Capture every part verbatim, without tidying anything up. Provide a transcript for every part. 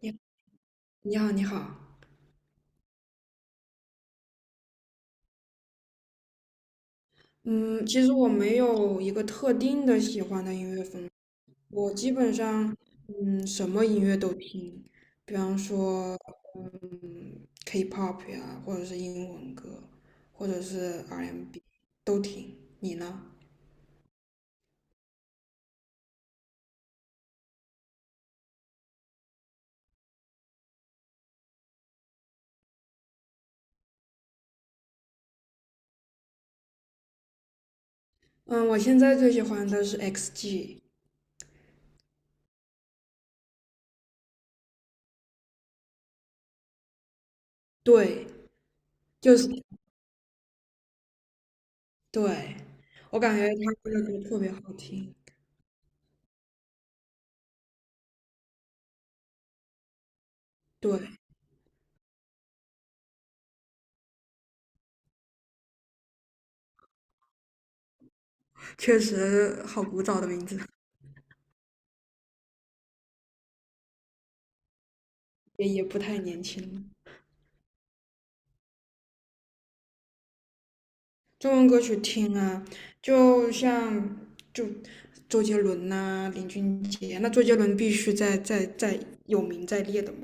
你你好，你好。嗯，其实我没有一个特定的喜欢的音乐风格，我基本上嗯什么音乐都听，比方说 K-pop 呀，或者是英文歌，或者是 R and B 都听。你呢？嗯，我现在最喜欢的是 X G，对，就是对，我感觉他们的歌特别好听，对，确实好古早的名字，也也不太年轻了。中文歌曲听啊，就像就周杰伦呐、林俊杰，那周杰伦必须在在在有名在列的嘛。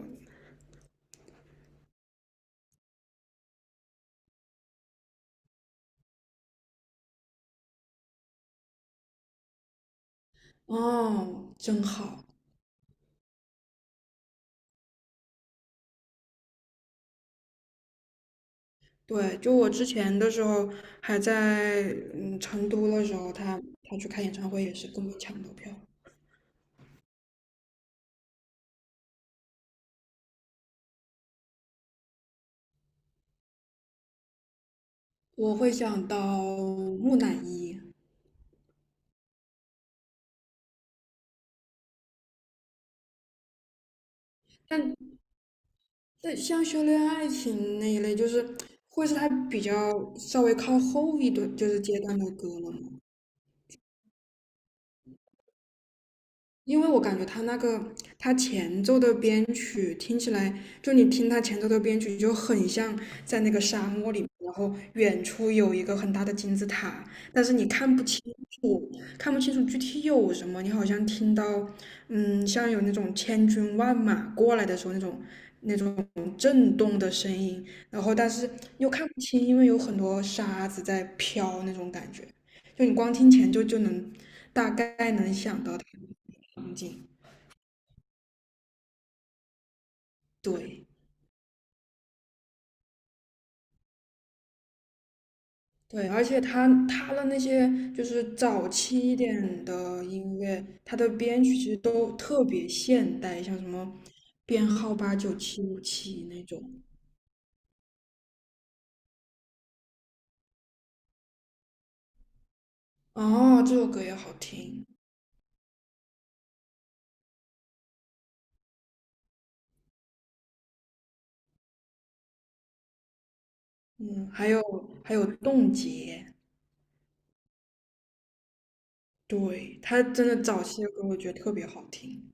哦，真好。对，就我之前的时候还在嗯成都的时候，他他去开演唱会也是跟我抢到票。我会想到木乃伊，但但像修炼爱情那一类，就是会是他比较稍微靠后一段就是阶段的歌了嘛。因为我感觉他那个他前奏的编曲听起来，就你听他前奏的编曲就很像在那个沙漠里面，然后远处有一个很大的金字塔，但是你看不清楚，看不清楚具体有什么，你好像听到，嗯，像有那种千军万马过来的时候那种那种震动的声音，然后但是又看不清，因为有很多沙子在飘那种感觉，就你光听前奏就能大概能想到它的场景。对对，而且他他的那些就是早期一点的音乐，他的编曲其实都特别现代，像什么编号八九七五七那种。哦，这首歌也好听。嗯，还有还有冻结，对，他真的早期的歌我觉得特别好听。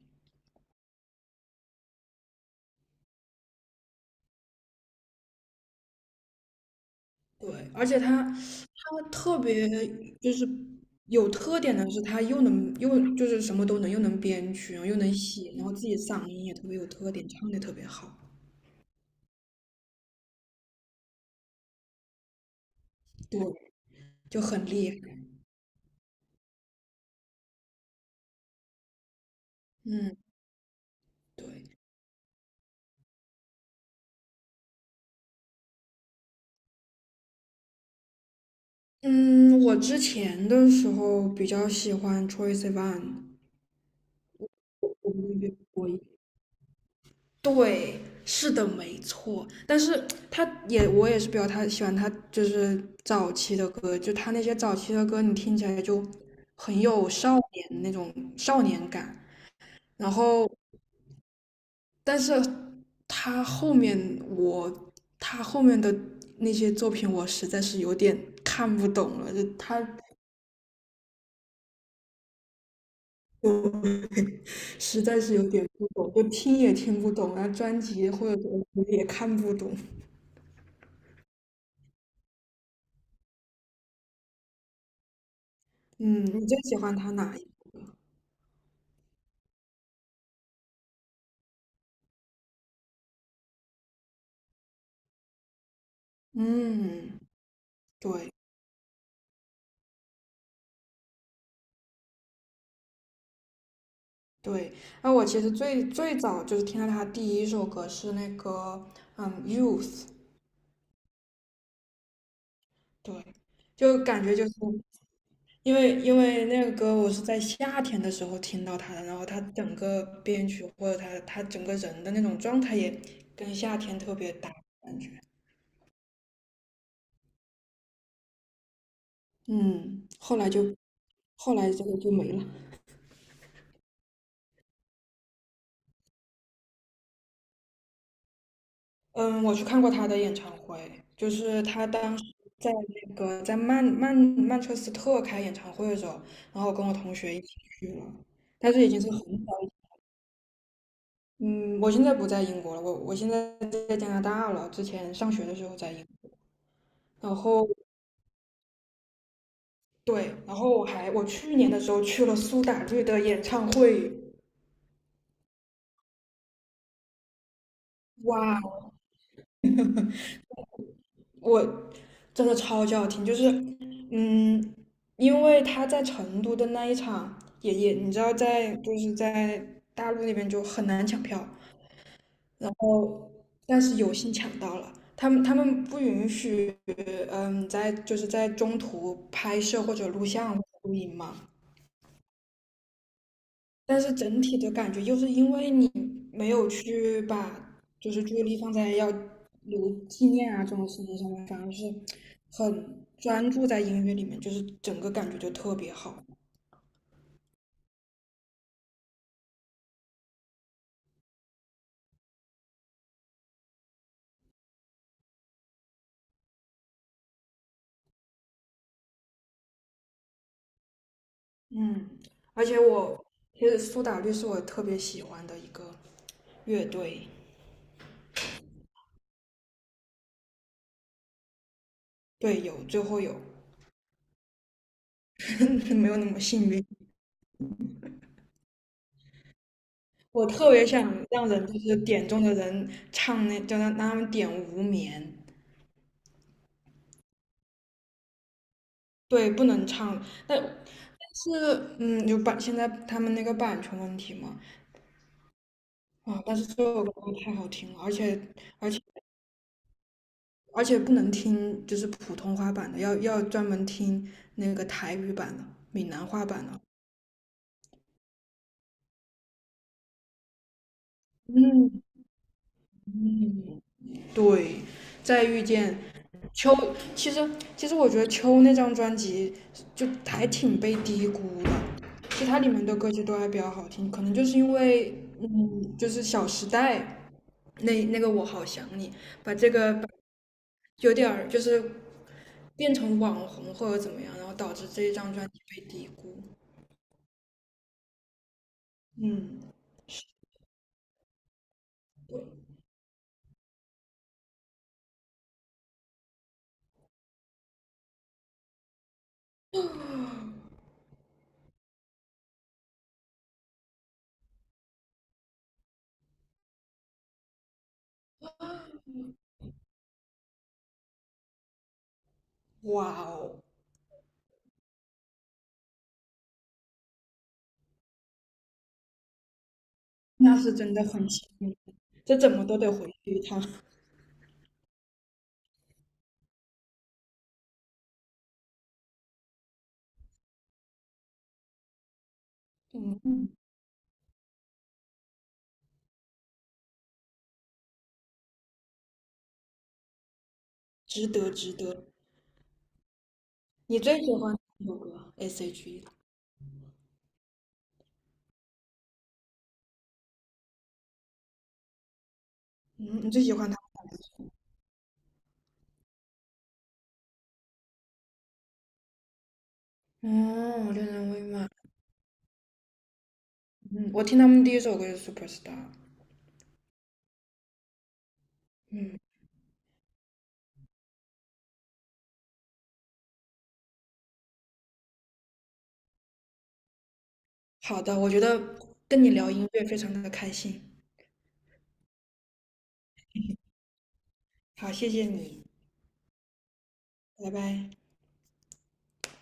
对，而且他，他特别就是有特点的是，他又能又就是什么都能，又能编曲，然后又能写，然后自己嗓音也特别有特点，唱的特别好，对，就很厉害。嗯，对，嗯，我之前的时候比较喜欢 Troye Sivan，对，是的，没错。但是他也，我也是比较他喜欢他就是早期的歌，就他那些早期的歌，你听起来就很有少年那种少年感。然后，但是他后面我他后面的那些作品，我实在是有点看不懂了，就他我 实在是有点不懂，就听也听不懂，然后专辑或者什么也看不懂。嗯，你最喜欢他哪一？嗯，对对，那我其实最最早就是听到他第一首歌是那个嗯《Youth》，对，就感觉就是因为因为那个歌我是在夏天的时候听到他的，然后他整个编曲或者他他整个人的那种状态也跟夏天特别搭感觉，嗯，后来就后来这个就没了。嗯，我去看过他的演唱会，就是他当时在那个在曼曼曼彻斯特开演唱会的时候，然后我跟我同学一起去了，但是已经是很早以嗯，我现在不在英国了，我我现在在加拿大了，之前上学的时候在英然后对，然后我还我去年的时候去了苏打绿的演唱会，哇，我真的超级好听，就是嗯，因为他在成都的那一场也也，你知道在就是在大陆那边就很难抢票，哦，但是有幸抢到了。他们他们不允许，嗯，在就是在中途拍摄或者录像或者录音嘛，但是整体的感觉就是因为你没有去把就是注意力放在要留纪念啊这种事情上面，反而是很专注在音乐里面，就是整个感觉就特别好。嗯，而且我其实苏打绿是我特别喜欢的一个乐队，对，有最后有，没有那么幸运。我特别想让人就是点中的人唱那，叫他让他们点无眠。对，不能唱。但。是，嗯，有版，现在他们那个版权问题嘛，啊，但是这首歌太好听了，而且，而且，而且不能听就是普通话版的，要要专门听那个台语版的、闽南话版的。嗯，对，再遇见秋，其实其实我觉得秋那张专辑就还挺被低估的，其他里面的歌曲都还比较好听，可能就是因为，嗯，就是《小时代》那那个我好想你，把这个有点儿就是变成网红或者怎么样，然后导致这一张专辑被低估。嗯，哇哦，那是真的很幸运，这怎么都得回去一趟。嗯，值得，值得。你最喜欢哪首歌？S H E。嗯，你最喜欢他们哪一首？哦，恋人未满。嗯，我听他们第一首歌就是《Superstar》。嗯，好的，我觉得跟你聊音乐非常的开心。好，谢谢你，拜拜。